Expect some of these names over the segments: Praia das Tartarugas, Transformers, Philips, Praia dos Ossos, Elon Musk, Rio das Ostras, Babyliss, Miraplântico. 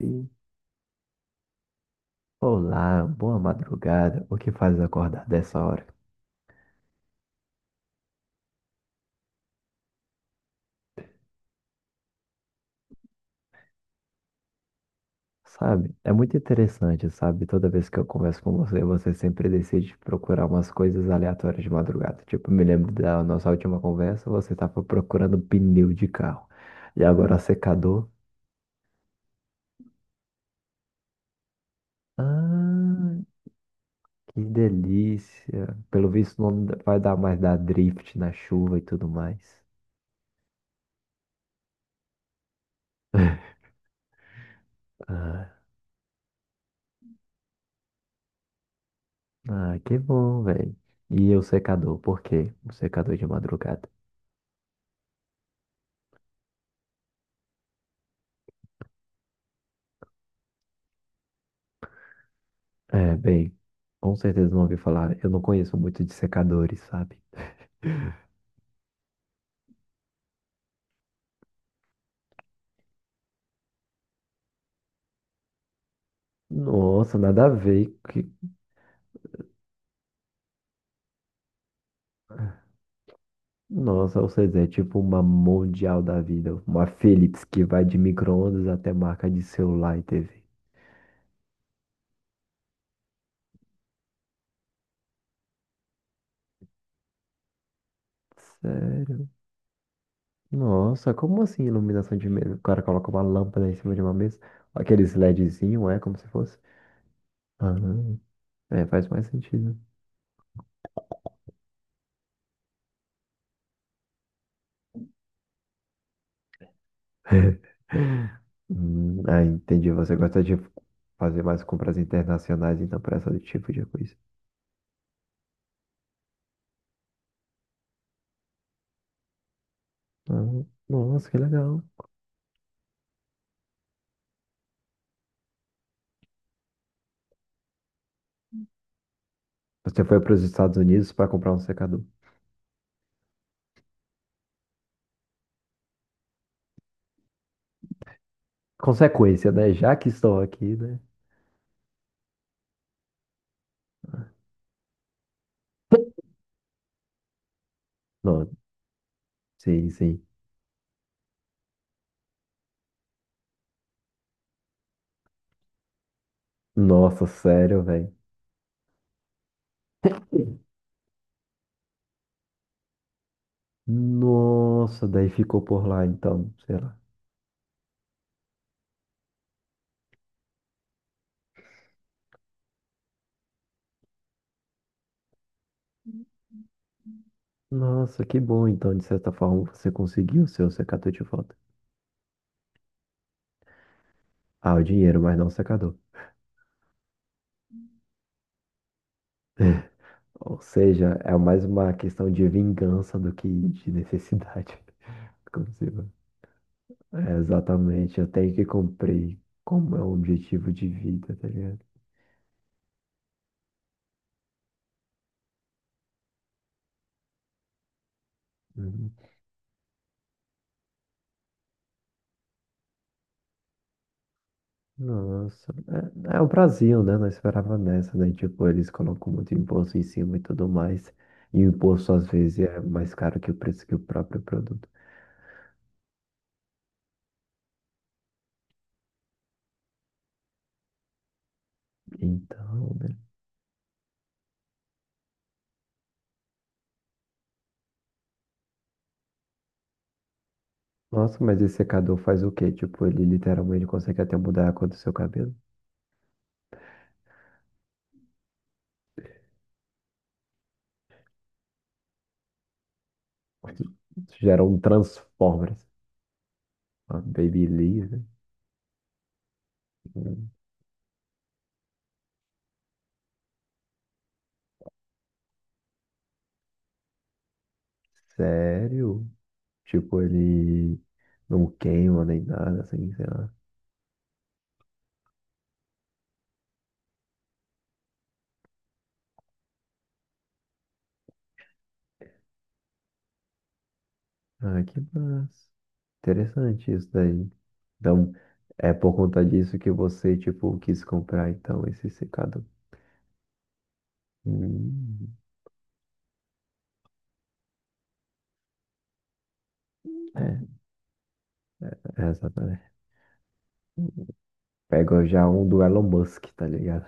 Sim. Olá, boa madrugada. O que faz acordar dessa hora? Sabe? É muito interessante, sabe? Toda vez que eu converso com você, você sempre decide procurar umas coisas aleatórias de madrugada. Tipo, me lembro da nossa última conversa, você estava procurando pneu de carro. E agora secador. Ah, que delícia. Pelo visto, não vai dar mais dar drift na chuva e tudo mais. Ah, que bom, velho. E o secador, por quê? O secador de madrugada. É, bem, com certeza não ouvi falar. Eu não conheço muito de secadores, sabe? Nossa, nada a ver. Que... Nossa, ou seja, é tipo uma mundial da vida. Uma Philips que vai de micro-ondas até marca de celular e TV. Sério? Nossa, como assim iluminação de mesa? O cara coloca uma lâmpada em cima de uma mesa. Aqueles LEDzinho, é como se fosse. Ah, é, faz mais sentido. Entendi. Você gosta de fazer mais compras internacionais, então, para esse tipo de coisa. Ah, nossa, que legal. Você foi para os Estados Unidos para comprar um secador. Consequência, né? Já que estou aqui, né? Não, sim, sim. Nossa, sério, velho. Nossa, daí ficou por lá, então, sei lá. Nossa, que bom, então, de certa forma, você conseguiu o seu secador de volta. Ah, o dinheiro, mas não o secador. Ou seja, é mais uma questão de vingança do que de necessidade. Como se... É, exatamente, eu tenho que cumprir como é o objetivo de vida, tá ligado? Uhum. Nossa, é, é o Brasil, né? Não esperava nessa, né? Tipo, eles colocam muito imposto em cima e tudo mais. E o imposto às vezes é mais caro que o preço que o próprio produto. Então, né? Nossa, mas esse secador faz o quê? Tipo, ele literalmente consegue até mudar a cor do seu cabelo. Gera um Transformers. Uma Babyliss, né? Hum. Sério? Tipo, ele não queima nem nada, assim, sei lá. Ah, que massa. Interessante isso daí. Então, é por conta disso que você, tipo, quis comprar, então, esse secador. Hum, é, é, exatamente. Pegou já um do Elon Musk, tá ligado?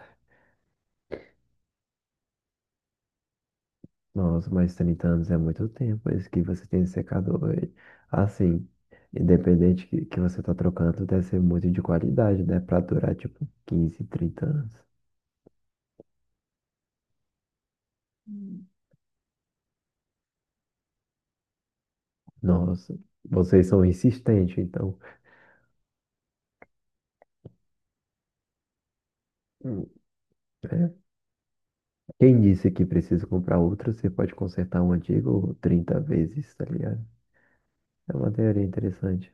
Nossa, mas 30 anos é muito tempo, é isso que você tem de secador. E, assim, independente que você tá trocando, deve ser muito de qualidade, né? Pra durar, tipo, 15, 30 anos. Hum. Nossa, vocês são insistentes, então. Hum. É. Quem disse que precisa comprar outro, você pode consertar um antigo 30 vezes, tá ligado? É uma teoria interessante.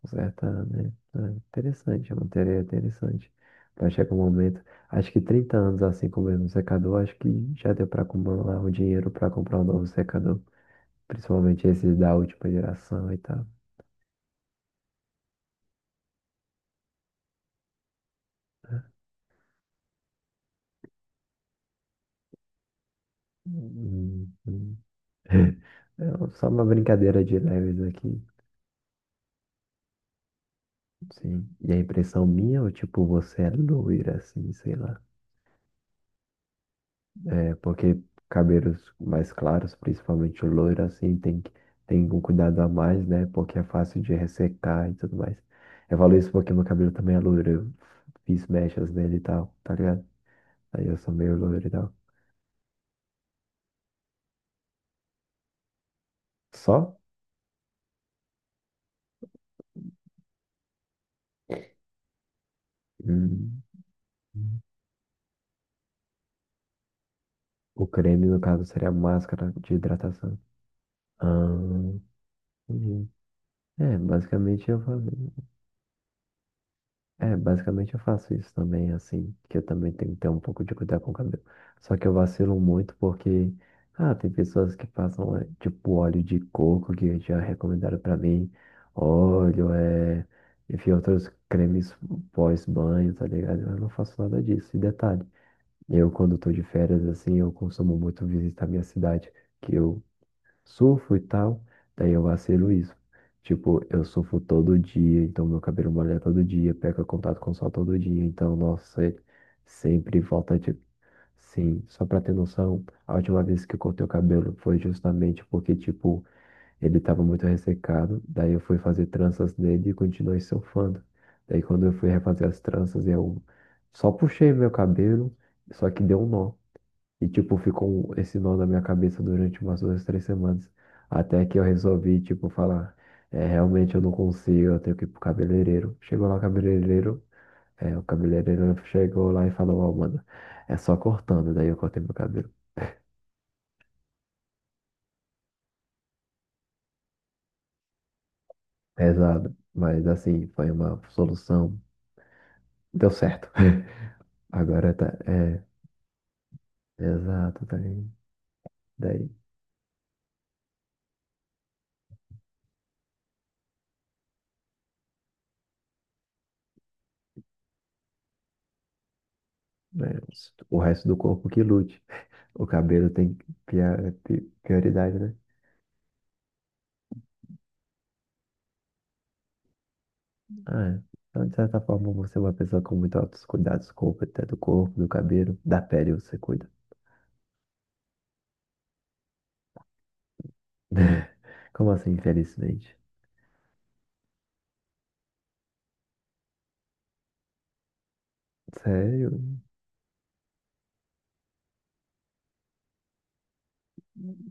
Com certa, né? É interessante, é uma teoria interessante. Vai chegar um momento, acho que 30 anos assim com o mesmo secador, acho que já deu para acumular o dinheiro para comprar um novo secador. Principalmente esses da última geração e tal. Hum, hum. É um, só uma brincadeira de leves aqui. Sim. E a impressão minha, ou tipo, você é loira, assim, sei lá. É, porque cabelos mais claros, principalmente o loiro, assim, tem que tem um cuidado a mais, né? Porque é fácil de ressecar e tudo mais. Eu falo isso porque meu cabelo também é loiro. Eu fiz mechas nele e tal, tá ligado? Aí eu sou meio loiro e tal. Só? Hum. O creme, no caso, seria a máscara de hidratação. Ah, entendi. É, basicamente eu falei. É, basicamente eu faço isso também, assim, que eu também tenho que ter um pouco de cuidado com o cabelo. Só que eu vacilo muito porque, ah, tem pessoas que passam, é, tipo, óleo de coco que já recomendaram pra mim, óleo, é, enfim, outros cremes pós-banho, tá ligado? Eu não faço nada disso. E detalhe, eu quando tô de férias, assim, eu consumo muito visitar minha cidade, que eu surfo e tal, daí eu vacilo isso. Tipo, eu surfo todo dia, então meu cabelo molha todo dia, pega contato com o sol todo dia, então, nossa, é sempre volta, tipo, sim, só pra ter noção, a última vez que eu cortei o cabelo foi justamente porque, tipo, ele tava muito ressecado, daí eu fui fazer tranças nele e continuei surfando. Daí quando eu fui refazer as tranças, eu só puxei meu cabelo, só que deu um nó. E, tipo, ficou um, esse nó na minha cabeça durante umas duas, três semanas. Até que eu resolvi, tipo, falar, é, realmente eu não consigo, eu tenho que ir pro cabeleireiro. Chegou lá o cabeleireiro, é, o cabeleireiro chegou lá e falou, ó, mano, é só cortando. Daí eu cortei meu cabelo. Pesado, mas assim, foi uma solução. Deu certo. Agora tá, é, exato, tá aí. Daí, né, o resto do corpo que lute. O cabelo tem prioridade, né? É, então, de certa forma, você é uma pessoa com muito altos cuidados com o até do corpo, do cabelo, da pele você cuida. Como assim, infelizmente? Sério?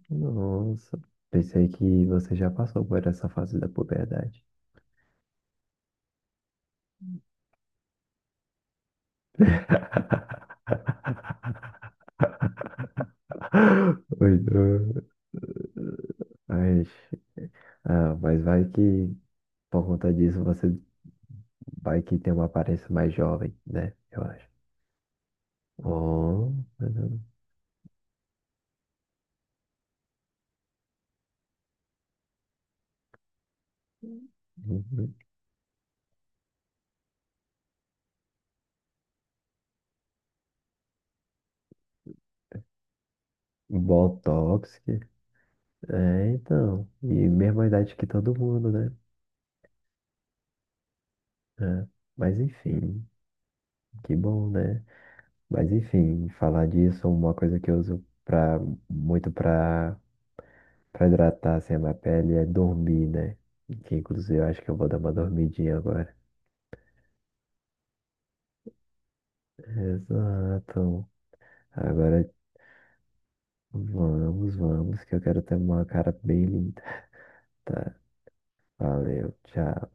Nossa. Pensei que você já passou por essa fase da puberdade. Oi, não. Mas, ah, mas vai que por conta disso você vai que tem uma aparência mais jovem, né? Eu acho. Oh, mas eu... Botox, é, então, e mesma idade que todo mundo, né? É, mas enfim, que bom, né? Mas enfim, falar disso, uma coisa que eu uso pra, muito pra, pra hidratar assim, a minha pele é dormir, né? Que inclusive eu acho que eu vou dar uma dormidinha agora. Exato. Agora vamos, vamos, que eu quero ter uma cara bem linda. Tá, valeu, tchau.